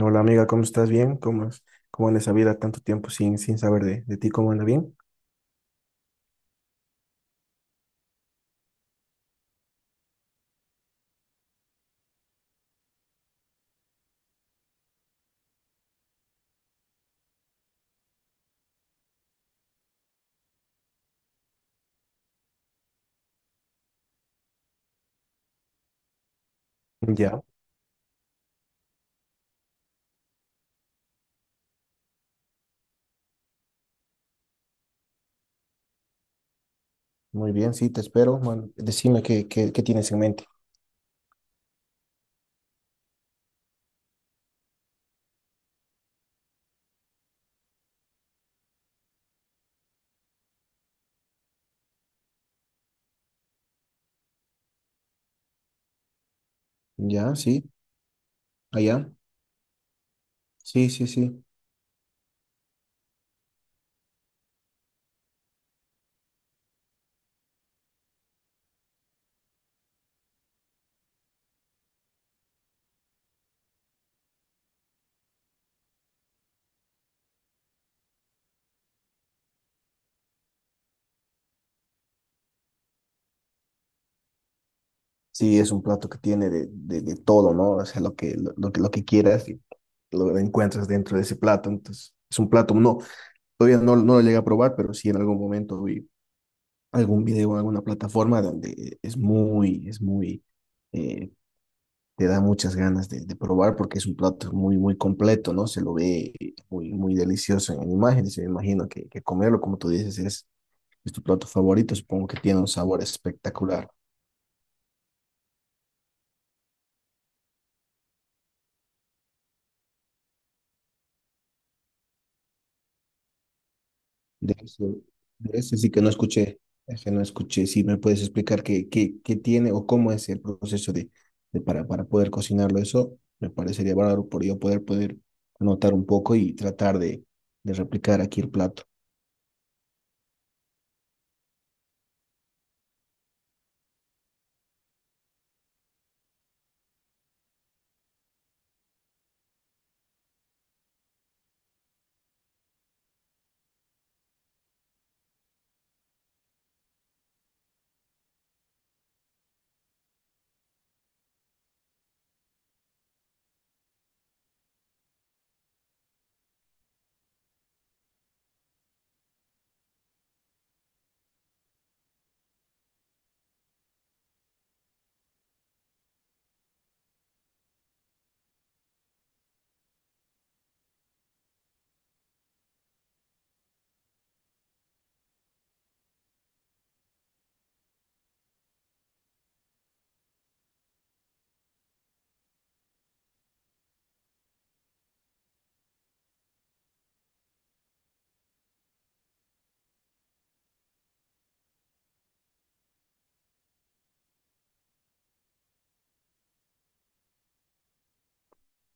Hola amiga, ¿cómo estás? ¿Bien? ¿Cómo, cómo anda esa vida tanto tiempo sin saber de ti? ¿Cómo anda bien? Ya, muy bien, sí, te espero, man. Decime qué tienes en mente. Ya, sí, allá. Sí, sí, sí. Sí, es un plato que tiene de todo, ¿no? O sea, lo que quieras, lo encuentras dentro de ese plato. Entonces, es un plato, no, todavía no lo llegué a probar, pero sí en algún momento vi algún video en alguna plataforma donde es muy, es muy, eh, te da muchas ganas de probar porque es un plato muy, muy completo, ¿no? Se lo ve muy, muy delicioso en imágenes. Me imagino que comerlo, como tú dices, es tu plato favorito. Supongo que tiene un sabor espectacular. De ese, de ese sí que no escuché, ese no escuché. Si me puedes explicar qué tiene o cómo es el proceso para poder cocinarlo, eso me parecería bárbaro por yo poder anotar un poco y tratar de replicar aquí el plato.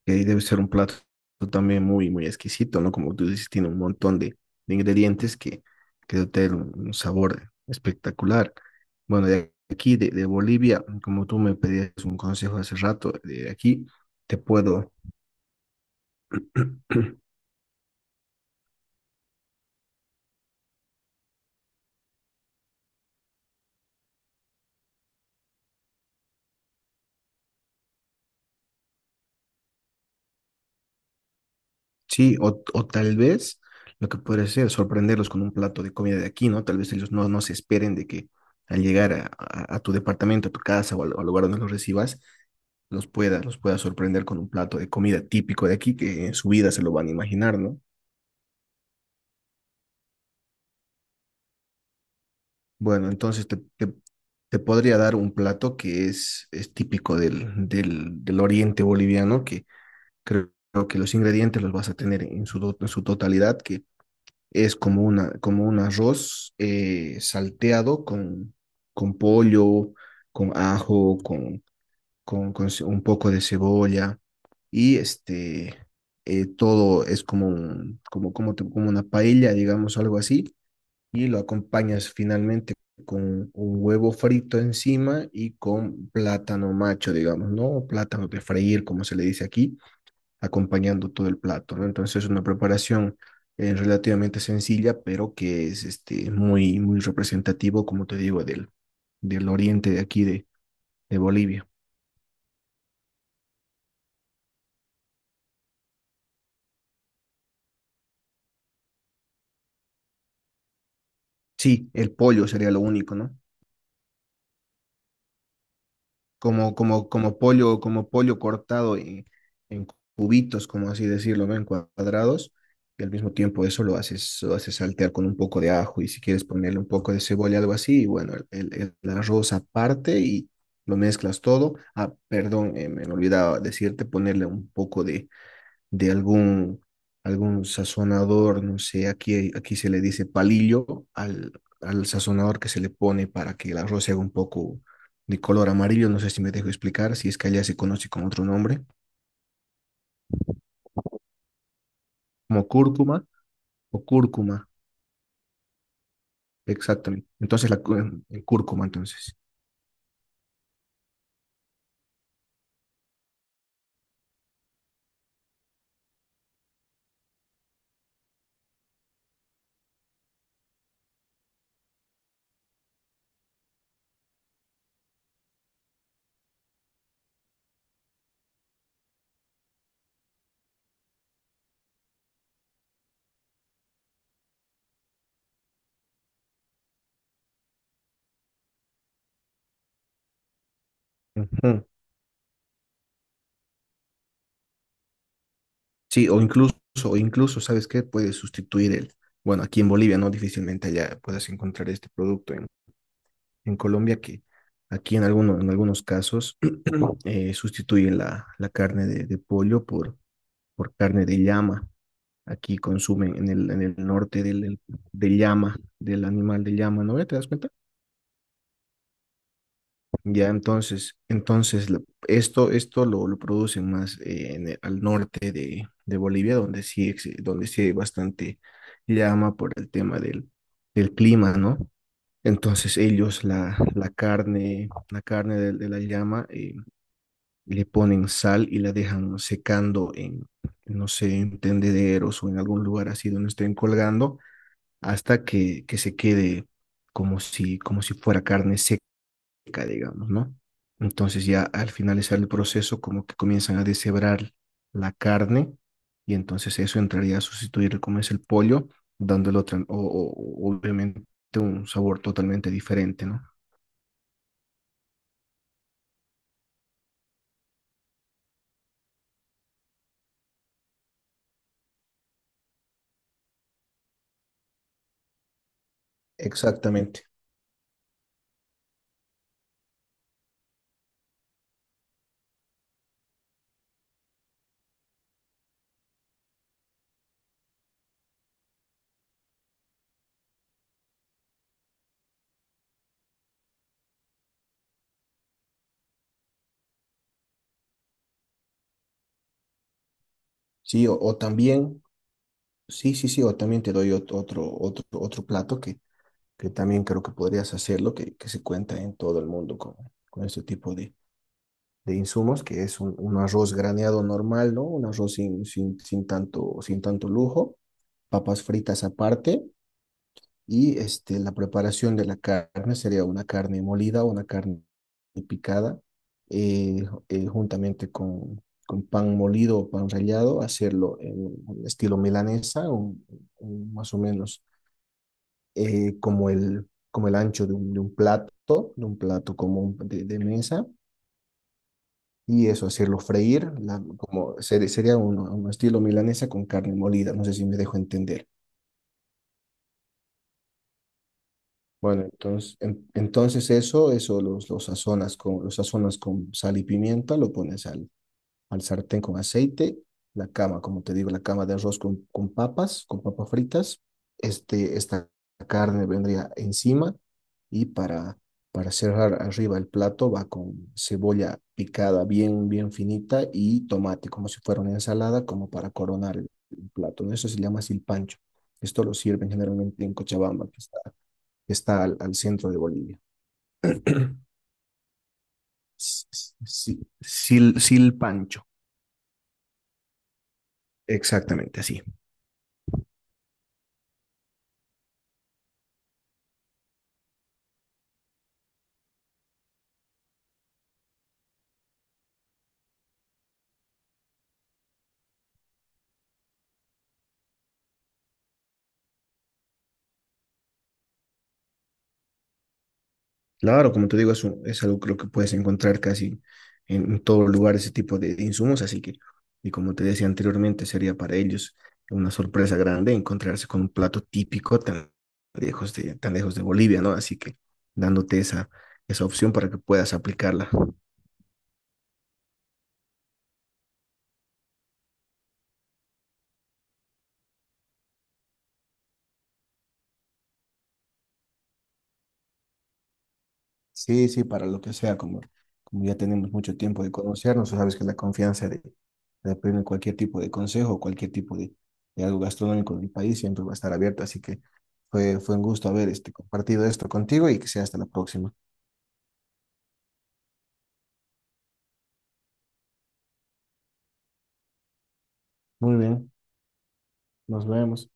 Que debe ser un plato también muy, muy exquisito, ¿no? Como tú dices, tiene un montón de ingredientes que dotan un sabor espectacular. Bueno, de aquí, de Bolivia, como tú me pedías un consejo hace rato, de aquí te puedo, sí, o tal vez lo que puede ser sorprenderlos con un plato de comida de aquí, ¿no? Tal vez ellos no, no se esperen de que al llegar a tu departamento, a tu casa o al lugar donde los recibas, los pueda sorprender con un plato de comida típico de aquí que en su vida se lo van a imaginar, ¿no? Bueno, entonces te podría dar un plato que es típico del oriente boliviano, que creo que los ingredientes los vas a tener en su totalidad, que es como, una, como un arroz salteado con pollo, con ajo, con un poco de cebolla y este, todo es como, como una paella, digamos, algo así, y lo acompañas finalmente con un huevo frito encima y con plátano macho, digamos, ¿no? O plátano de freír, como se le dice aquí, acompañando todo el plato, ¿no? Entonces es una preparación relativamente sencilla, pero que es este, muy, muy representativo, como te digo, del, del oriente de aquí de Bolivia. Sí, el pollo sería lo único, ¿no? Como pollo, como pollo cortado en cubitos, como así decirlo, ¿no? En cuadrados. Y al mismo tiempo eso lo haces saltear con un poco de ajo y si quieres ponerle un poco de cebolla, algo así. Y bueno, el arroz aparte y lo mezclas todo. Ah, perdón, me olvidaba decirte ponerle un poco de algún sazonador, no sé, aquí, aquí se le dice palillo al, al sazonador que se le pone para que el arroz se haga un poco de color amarillo, no sé si me dejo explicar, si es que allá se conoce con otro nombre, como cúrcuma o cúrcuma, exactamente. Entonces la cu- em, el cúrcuma, entonces. Ujú. Sí, o incluso, ¿sabes qué? Puedes sustituir el, bueno, aquí en Bolivia, ¿no? Difícilmente allá puedas encontrar este producto en Colombia que aquí en, en algunos casos sustituyen la carne de pollo por carne de llama. Aquí consumen en el norte del llama, del animal de llama, ¿no? ¿Te das cuenta? Ya entonces, entonces lo producen más en al norte de Bolivia, donde sí, donde sí hay bastante llama por el tema del, del clima, ¿no? Entonces ellos la carne de la llama, le ponen sal y la dejan secando en, no sé, en tendederos o en algún lugar así donde estén colgando hasta que se quede como si fuera carne seca, digamos, ¿no? Entonces ya al finalizar el proceso como que comienzan a deshebrar la carne y entonces eso entraría a sustituir como es el pollo, dándole otra, o obviamente un sabor totalmente diferente, ¿no? Exactamente. Sí, o también, sí, sí, sí, o también te doy otro plato que también creo que podrías hacerlo, que se cuenta en todo el mundo con este tipo de insumos, que es un arroz graneado normal, ¿no? Un arroz sin tanto lujo, papas fritas aparte. Y este, la preparación de la carne sería una carne molida, una carne picada, juntamente con pan molido o pan rallado, hacerlo en un estilo milanesa, más o menos como el ancho de un plato común de mesa, y eso, hacerlo freír, sería un estilo milanesa con carne molida, no sé si me dejo entender. Bueno, entonces, entonces los sazonas con, los sazonas con sal y pimienta, lo pones al, al sartén con aceite, la cama, como te digo, la cama de arroz con papas fritas. Este, esta carne vendría encima y para cerrar arriba el plato va con cebolla picada bien, bien finita y tomate, como si fuera una ensalada, como para coronar el plato, ¿no? Eso se llama silpancho. Esto lo sirven generalmente en Cochabamba, que está al, al centro de Bolivia. Silpancho, exactamente así. Claro, como te digo, es, es algo creo que puedes encontrar casi en todo lugar ese tipo de insumos, así que, y como te decía anteriormente, sería para ellos una sorpresa grande encontrarse con un plato típico tan lejos de Bolivia, ¿no? Así que dándote esa opción para que puedas aplicarla. Sí, sí, para lo que sea, como, como ya tenemos mucho tiempo de conocernos, tú sabes que la confianza de pedirme cualquier tipo de consejo, cualquier tipo de algo gastronómico del país siempre va a estar abierta, así que fue, fue un gusto haber este, compartido esto contigo y que sea hasta la próxima. Muy bien, nos vemos.